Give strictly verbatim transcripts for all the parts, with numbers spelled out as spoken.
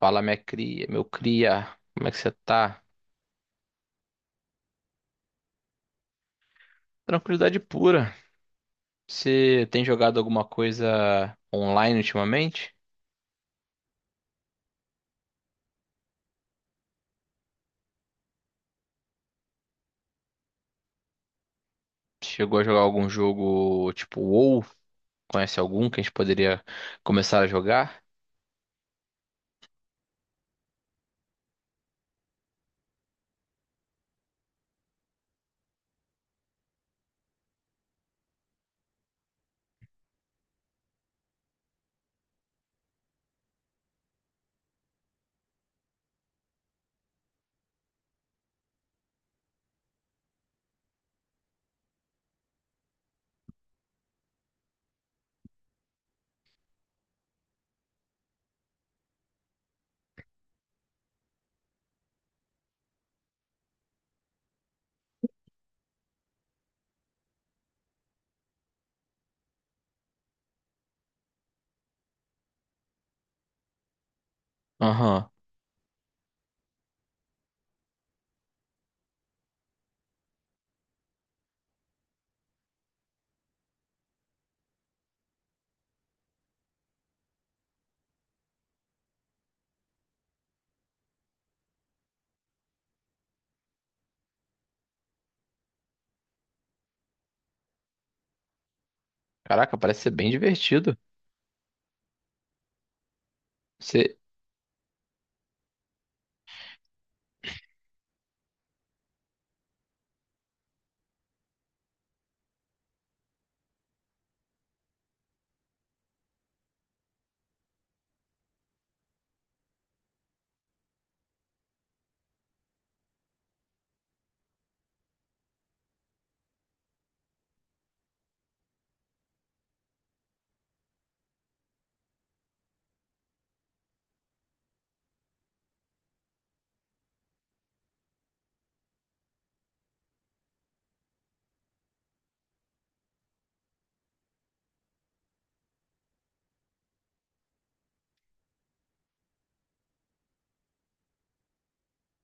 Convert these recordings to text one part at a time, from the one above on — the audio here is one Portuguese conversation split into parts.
Fala, minha cria, meu cria, como é que você tá? Tranquilidade pura. Você tem jogado alguma coisa online ultimamente? Chegou a jogar algum jogo tipo WoW? Conhece algum que a gente poderia começar a jogar? Aham. Caraca, parece ser bem divertido. Você.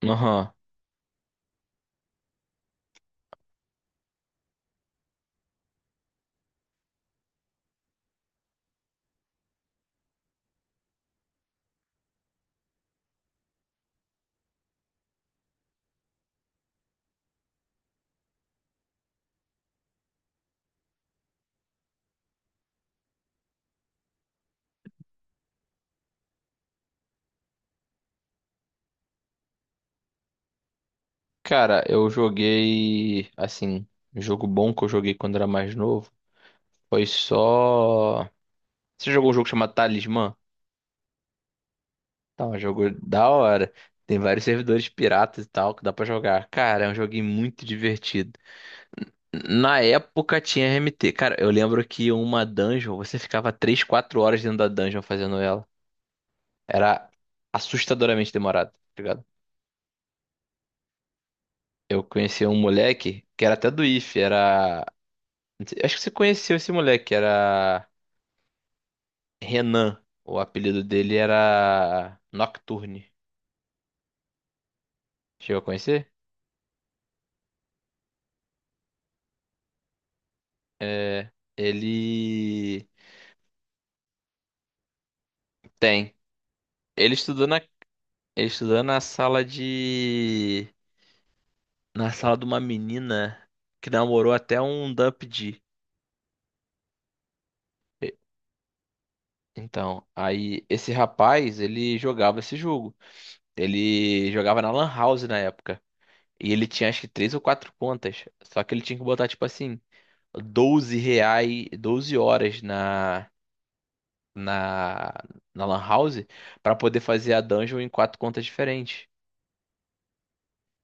Aham. Cara, eu joguei. Assim, um jogo bom que eu joguei quando era mais novo foi só. Você jogou um jogo chamado Talismã? Tá, um jogo da hora. Tem vários servidores piratas e tal que dá pra jogar. Cara, é um joguinho muito divertido. Na época tinha R M T. Cara, eu lembro que uma dungeon, você ficava três quatro horas dentro da dungeon fazendo ela. Era assustadoramente demorado, tá ligado? Eu conheci um moleque que era até do ife era. Não sei- Acho que você conheceu esse moleque, era Renan. O apelido dele era Nocturne. Chegou a conhecer? É. Ele. Tem. Ele estudou na Estudando na sala de. Na sala de uma menina que namorou até um Dump D. E- Então, aí esse rapaz, ele jogava esse jogo. Ele jogava na Lan House na época. E ele tinha acho que três ou quatro contas. Só que ele tinha que botar, tipo assim, doze reais, doze horas na, na, na Lan House pra poder fazer a dungeon em quatro contas diferentes.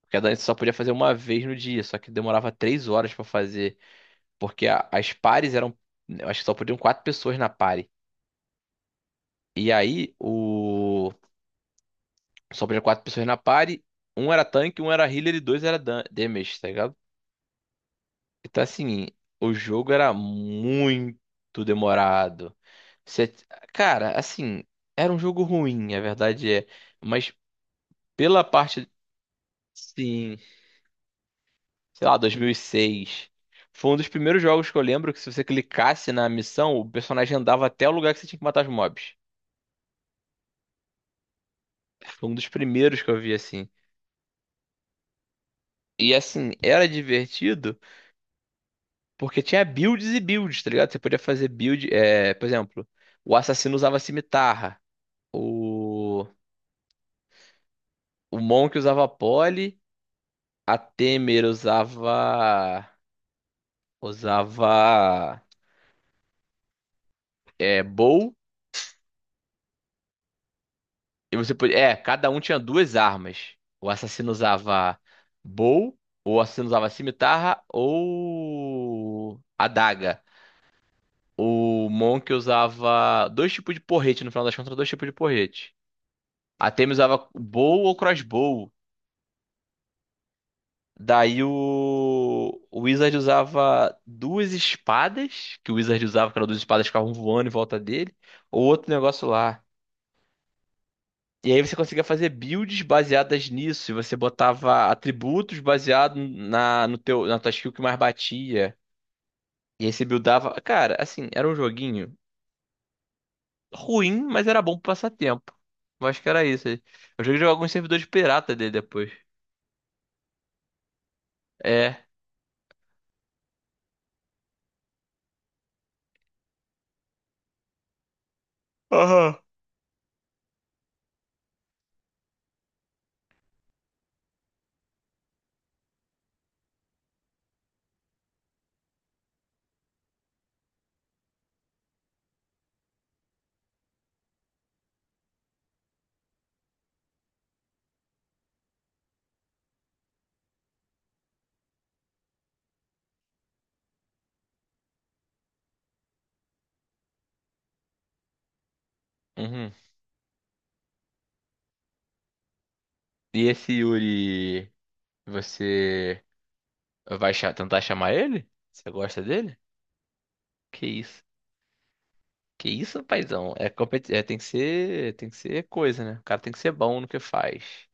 Porque a dungeon só podia fazer uma vez no dia, só que demorava três horas pra fazer. Porque a- as pares eram. Eu acho que só podiam quatro pessoas na pare. E aí, o. Só podiam quatro pessoas na pare. Um era tanque, um era healer e dois era dan- damage, tá ligado? Então, assim, o jogo era muito demorado. Você- Cara, assim, era um jogo ruim, a verdade é. Mas pela parte. Sim, sei lá, dois mil e seis. Foi um dos primeiros jogos que eu lembro que se você clicasse na missão, o personagem andava até o lugar que você tinha que matar os mobs. Foi um dos primeiros que eu vi assim. E assim, era divertido porque tinha builds e builds, tá ligado? Você podia fazer build. É, por exemplo, o assassino usava cimitarra. O, o Monk usava pole. A Temer usava. Usava. É, bow. E você podia. É, cada um tinha duas armas. O assassino usava bow. O assassino usava cimitarra ou. Adaga O Monk usava dois tipos de porrete, no final das contas, dois tipos de porrete. A Temi usava bow ou crossbow. Daí o... o Wizard usava duas espadas, que o Wizard usava, que eram duas espadas que ficavam voando em volta dele, ou outro negócio lá. E aí você conseguia fazer builds baseadas nisso, e você botava atributos baseados na, no teu, na tua skill que mais batia. E aí você buildava. Cara, assim, era um joguinho. Ruim, mas era bom pro passatempo. Eu acho que era isso. Eu joguei jogar alguns servidores pirata dele depois. É. Aham. Uhum. E esse Yuri, você vai cha- tentar chamar ele? Você gosta dele? Que isso? Que isso, paizão? É, competi- é, tem que ser, tem que ser coisa, né? O cara tem que ser bom no que faz.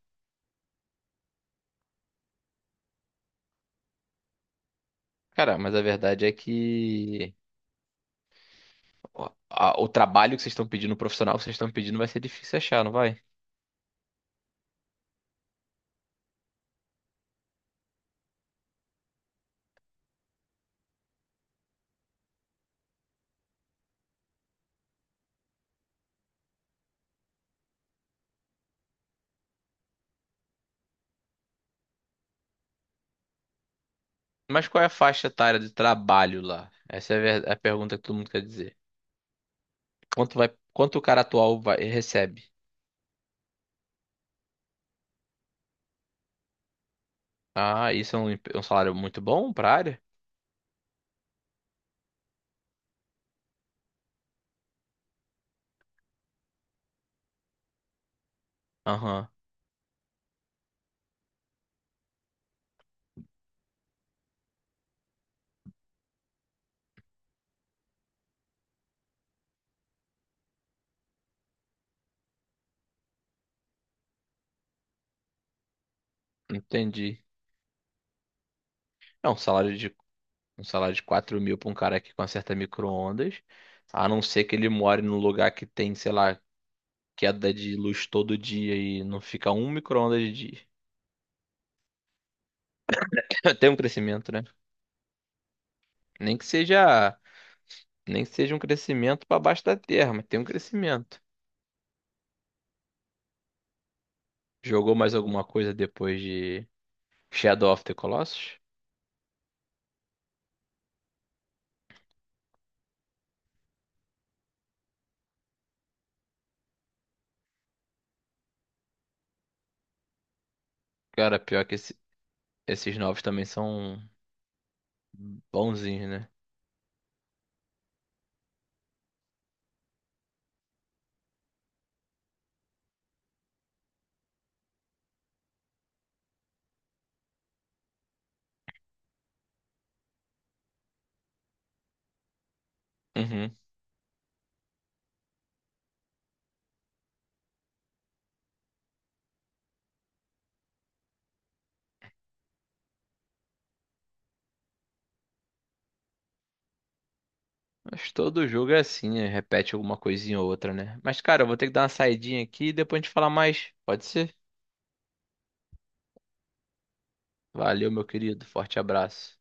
Cara, mas a verdade é que o, a- o trabalho que vocês estão pedindo, o profissional que vocês estão pedindo, vai ser difícil achar, não vai? Mas qual é a faixa etária de trabalho lá? Essa é a ver- é a pergunta que todo mundo quer dizer. Quanto vai, quanto o cara atual vai, recebe? Ah, isso é um, emp- um salário muito bom pra área? Aham, entendi. É um salário de, um salário de quatro mil pra um cara que conserta micro-ondas, a não ser que ele more num lugar que tem, sei lá, queda de luz todo dia e não fica um micro-ondas de dia. Tem um crescimento, né? Nem que seja, nem que seja um crescimento pra baixo da terra, mas tem um crescimento. Jogou mais alguma coisa depois de Shadow of the Colossus? Cara, pior que esse- esses novos também são bonzinhos, né? Uhum. Mas todo jogo é assim, né? Repete alguma coisinha ou outra, né? Mas, cara, eu vou ter que dar uma saidinha aqui e depois a gente fala mais. Pode ser? Valeu, meu querido. Forte abraço.